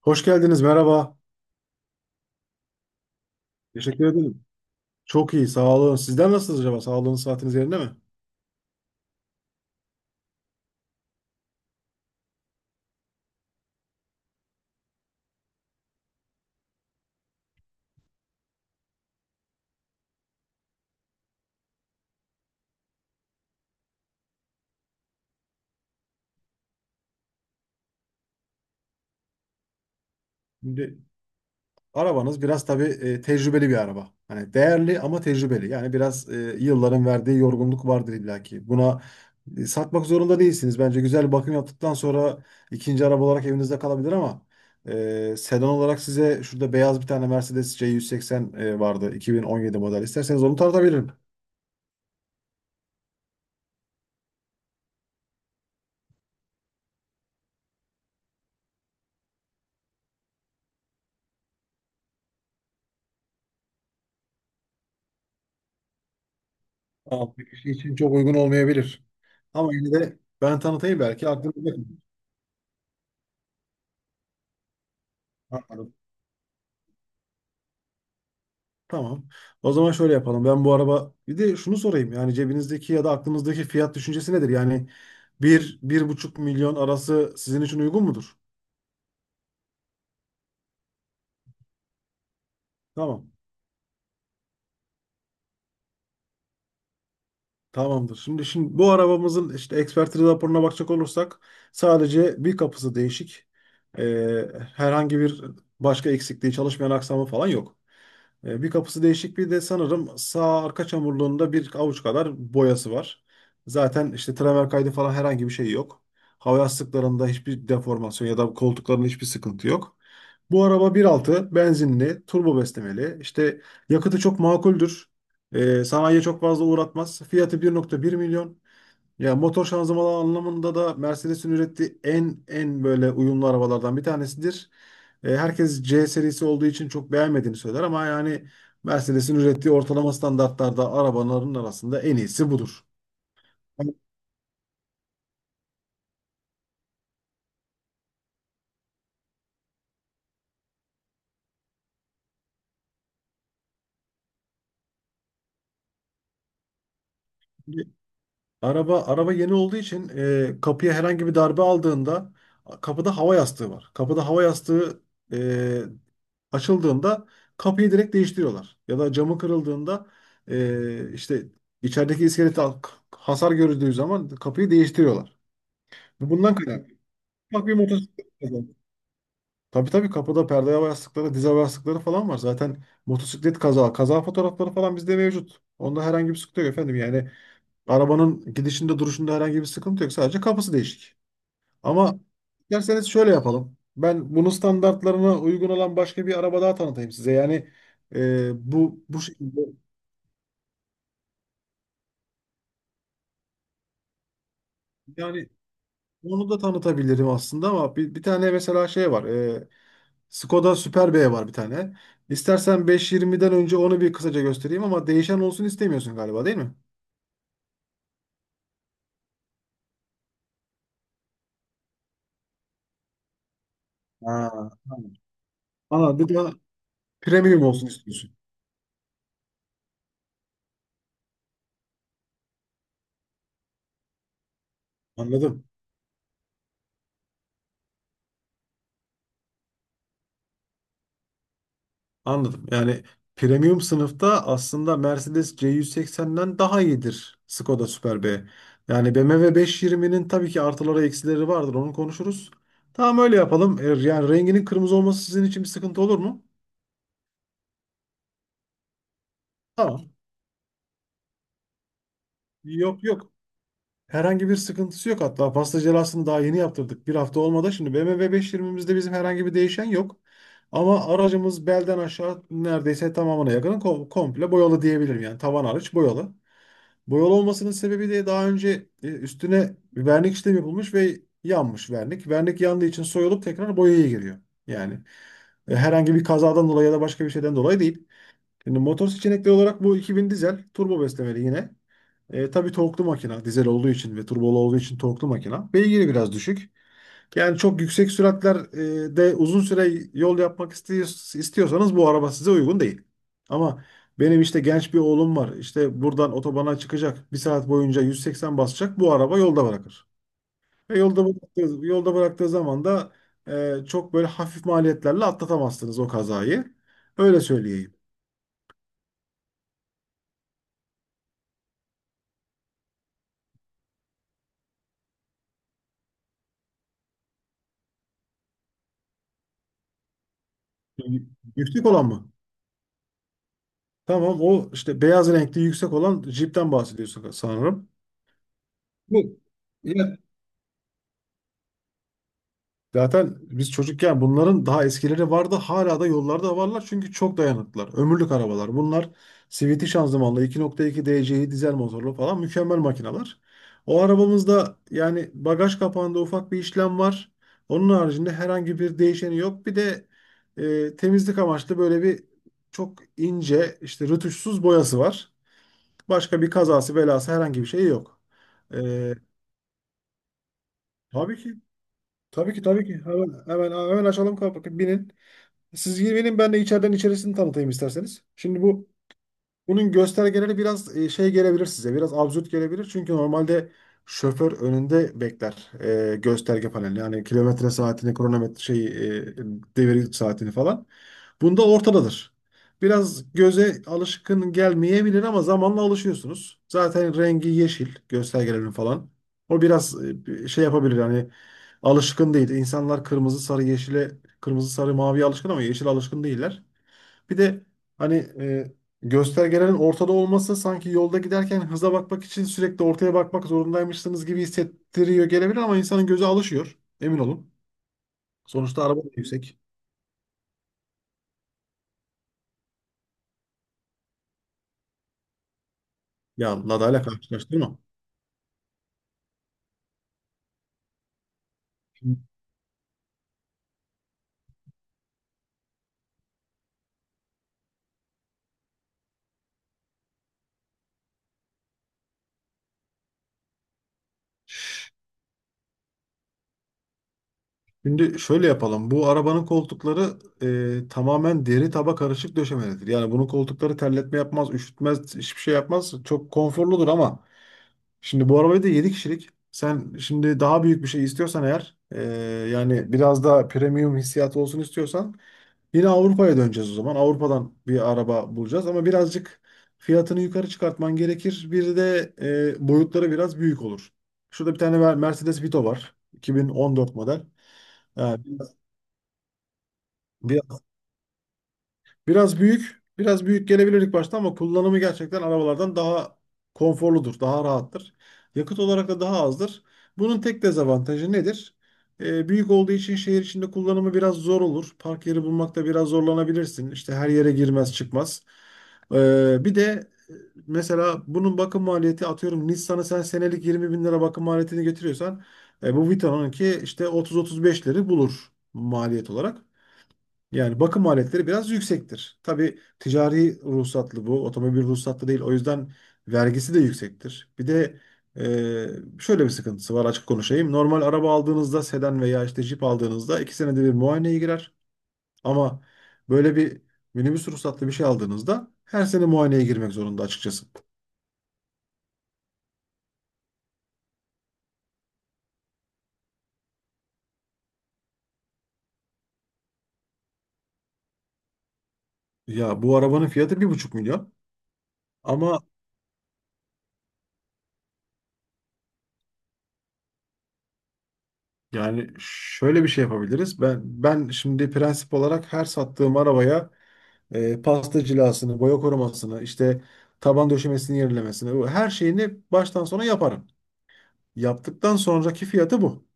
Hoş geldiniz, merhaba. Teşekkür ederim. Çok iyi, sağ olun. Sizden nasılsınız acaba? Sağlığınız, saatiniz yerinde mi? Şimdi arabanız biraz tabii tecrübeli bir araba. Hani değerli ama tecrübeli. Yani biraz yılların verdiği yorgunluk vardır illaki. Buna satmak zorunda değilsiniz. Bence güzel bir bakım yaptıktan sonra ikinci araba olarak evinizde kalabilir ama sedan olarak size şurada beyaz bir tane Mercedes C180 vardı. 2017 model. İsterseniz onu tartabilirim. Tamam. Bir kişi için çok uygun olmayabilir. Ama yine de ben tanıtayım belki aklınızda kalır. Tamam. O zaman şöyle yapalım. Ben bu araba bir de şunu sorayım. Yani cebinizdeki ya da aklınızdaki fiyat düşüncesi nedir? Yani bir, bir buçuk milyon arası sizin için uygun mudur? Tamam. Tamamdır. Şimdi bu arabamızın işte ekspertiz raporuna bakacak olursak sadece bir kapısı değişik. Ee, herhangi bir başka eksikliği, çalışmayan aksamı falan yok. Bir kapısı değişik bir de sanırım sağ arka çamurluğunda bir avuç kadar boyası var. Zaten işte tramer kaydı falan herhangi bir şey yok. Hava yastıklarında hiçbir deformasyon ya da koltuklarında hiçbir sıkıntı yok. Bu araba bir altı, benzinli, turbo beslemeli. İşte yakıtı çok makuldür. Sanayiye çok fazla uğratmaz. Fiyatı 1,1 milyon. Ya motor şanzımanı anlamında da Mercedes'in ürettiği en böyle uyumlu arabalardan bir tanesidir. Herkes C serisi olduğu için çok beğenmediğini söyler ama yani Mercedes'in ürettiği ortalama standartlarda arabaların arasında en iyisi budur. Yani Araba yeni olduğu için kapıya herhangi bir darbe aldığında kapıda hava yastığı var. Kapıda hava yastığı e, açıldığında kapıyı direkt değiştiriyorlar. Ya da camı kırıldığında işte içerideki iskelete hasar görüldüğü zaman kapıyı değiştiriyorlar. Bundan kaynaklı. Bak bir motosiklet kazası. Tabii tabii kapıda perde hava yastıkları, diz hava yastıkları falan var. Zaten motosiklet kaza fotoğrafları falan bizde mevcut. Onda herhangi bir sıkıntı yok efendim. Yani arabanın gidişinde duruşunda herhangi bir sıkıntı yok. Sadece kapısı değişik. Ama isterseniz şöyle yapalım. Ben bunun standartlarına uygun olan başka bir araba daha tanıtayım size. Yani bu şekilde yani onu da tanıtabilirim aslında ama bir tane mesela şey var. Skoda Superb var bir tane. İstersen 520'den önce onu bir kısaca göstereyim ama değişen olsun istemiyorsun galiba değil mi? Ha, tamam. Aa, bir de premium olsun istiyorsun. Anladım. Anladım. Yani premium sınıfta aslında Mercedes C180'den daha iyidir Skoda Superb. Yani BMW 520'nin tabii ki artıları eksileri vardır. Onu konuşuruz. Tamam öyle yapalım. Yani renginin kırmızı olması sizin için bir sıkıntı olur mu? Tamam. Yok yok. Herhangi bir sıkıntısı yok hatta. Pasta celasını daha yeni yaptırdık. Bir hafta olmadı. Şimdi BMW 520'mizde bizim herhangi bir değişen yok. Ama aracımız belden aşağı neredeyse tamamına yakın komple boyalı diyebilirim. Yani tavan hariç boyalı. Boyalı olmasının sebebi de daha önce üstüne bir vernik işlemi yapılmış ve yanmış vernik. Vernik yandığı için soyulup tekrar boyaya giriyor. Yani herhangi bir kazadan dolayı ya da başka bir şeyden dolayı değil. Şimdi motor seçenekleri olarak bu 2000 dizel turbo beslemeli yine. Tabii torklu makina dizel olduğu için ve turbolu olduğu için torklu makina. Beygiri biraz düşük. Yani çok yüksek süratlerde uzun süre yol yapmak istiyorsanız bu araba size uygun değil. Ama benim işte genç bir oğlum var. İşte buradan otobana çıkacak. Bir saat boyunca 180 basacak. Bu araba yolda bırakır. Ve yolda bıraktığı zaman da çok böyle hafif maliyetlerle atlatamazsınız o kazayı. Öyle söyleyeyim. Y- Yüksek olan mı? Tamam o işte beyaz renkli yüksek olan Jeep'ten bahsediyorsun sanırım. Bu. Zaten biz çocukken bunların daha eskileri vardı. Hala da yollarda varlar çünkü çok dayanıklılar. Ömürlük arabalar. Bunlar CVT şanzımanlı 2,2 DCi dizel motorlu falan mükemmel makineler. O arabamızda yani bagaj kapağında ufak bir işlem var. Onun haricinde herhangi bir değişeni yok. Bir de temizlik amaçlı böyle bir çok ince işte rötuşsuz boyası var. Başka bir kazası belası herhangi bir şey yok. E, tabii ki. Tabii ki tabii ki. Hemen, hemen, hemen açalım kapıyı. Binin. Siz gelin ben de içeriden içerisini tanıtayım isterseniz. Şimdi bunun göstergeleri biraz şey gelebilir size. Biraz absürt gelebilir. Çünkü normalde şoför önünde bekler gösterge paneli. Yani kilometre saatini, kronometre şeyi, devir saatini falan. Bunda ortadadır. Biraz göze alışkın gelmeyebilir ama zamanla alışıyorsunuz. Zaten rengi yeşil göstergelerin falan. O biraz bir şey yapabilir yani alışkın değil. İnsanlar kırmızı, sarı, yeşile, kırmızı, sarı, maviye alışkın ama yeşil alışkın değiller. Bir de hani e, göstergelerin ortada olması sanki yolda giderken hıza bakmak için sürekli ortaya bakmak zorundaymışsınız gibi hissettiriyor gelebilir ama insanın gözü alışıyor. Emin olun. Sonuçta araba da yüksek. Ya Lada ile karşılaştırma. Şimdi şöyle yapalım. Bu arabanın koltukları tamamen deri taba karışık döşemelidir. Yani bunun koltukları terletme yapmaz, üşütmez, hiçbir şey yapmaz. Çok konforludur ama şimdi bu arabayı da 7 kişilik. Sen şimdi daha büyük bir şey istiyorsan eğer yani biraz daha premium hissiyatı olsun istiyorsan yine Avrupa'ya döneceğiz o zaman. Avrupa'dan bir araba bulacağız ama birazcık fiyatını yukarı çıkartman gerekir. Bir de boyutları biraz büyük olur. Şurada bir tane Mercedes Vito var. 2014 model. Ha, biraz, Biraz büyük, biraz büyük gelebilir ilk başta ama kullanımı gerçekten arabalardan daha konforludur, daha rahattır. Yakıt olarak da daha azdır. Bunun tek dezavantajı nedir? Büyük olduğu için şehir içinde kullanımı biraz zor olur. Park yeri bulmakta biraz zorlanabilirsin. İşte her yere girmez çıkmaz. Bir de e, mesela bunun bakım maliyeti atıyorum Nissan'ı sen senelik 20 bin lira bakım maliyetini getiriyorsan bu Vita'nınki işte 30-35'leri bulur maliyet olarak. Yani bakım maliyetleri biraz yüksektir. Tabii ticari ruhsatlı bu, otomobil ruhsatlı değil. O yüzden vergisi de yüksektir. Bir de şöyle bir sıkıntısı var açık konuşayım. Normal araba aldığınızda sedan veya işte jip aldığınızda iki senede bir muayeneye girer. Ama böyle bir minibüs ruhsatlı bir şey aldığınızda her sene muayeneye girmek zorunda açıkçası. Ya bu arabanın fiyatı bir buçuk milyon. Ama yani şöyle bir şey yapabiliriz. Ben şimdi prensip olarak her sattığım arabaya pasta cilasını, boya korumasını, işte taban döşemesini yenilemesini, bu her şeyini baştan sona yaparım. Yaptıktan sonraki fiyatı bu.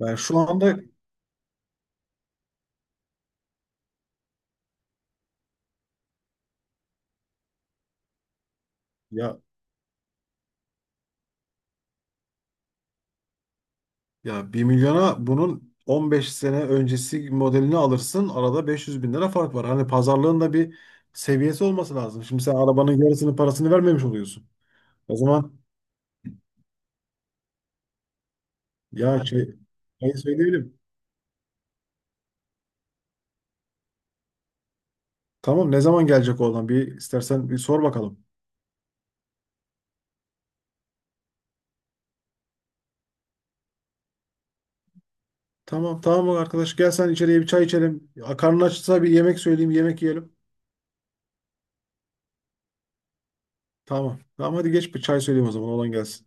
Ben şu anda ya bir milyona bunun 15 sene öncesi modelini alırsın. Arada 500 bin lira fark var. Hani pazarlığın da bir seviyesi olması lazım. Şimdi sen arabanın yarısının parasını vermemiş oluyorsun. O zaman ya şey söyleyebilirim. Tamam ne zaman gelecek oğlan? Bir istersen bir sor bakalım. Tamam tamam bak arkadaş gel sen içeriye bir çay içelim. Ya, karnın açsa bir yemek söyleyeyim yemek yiyelim. Tamam. Tamam hadi geç bir çay söyleyeyim o zaman olan gelsin.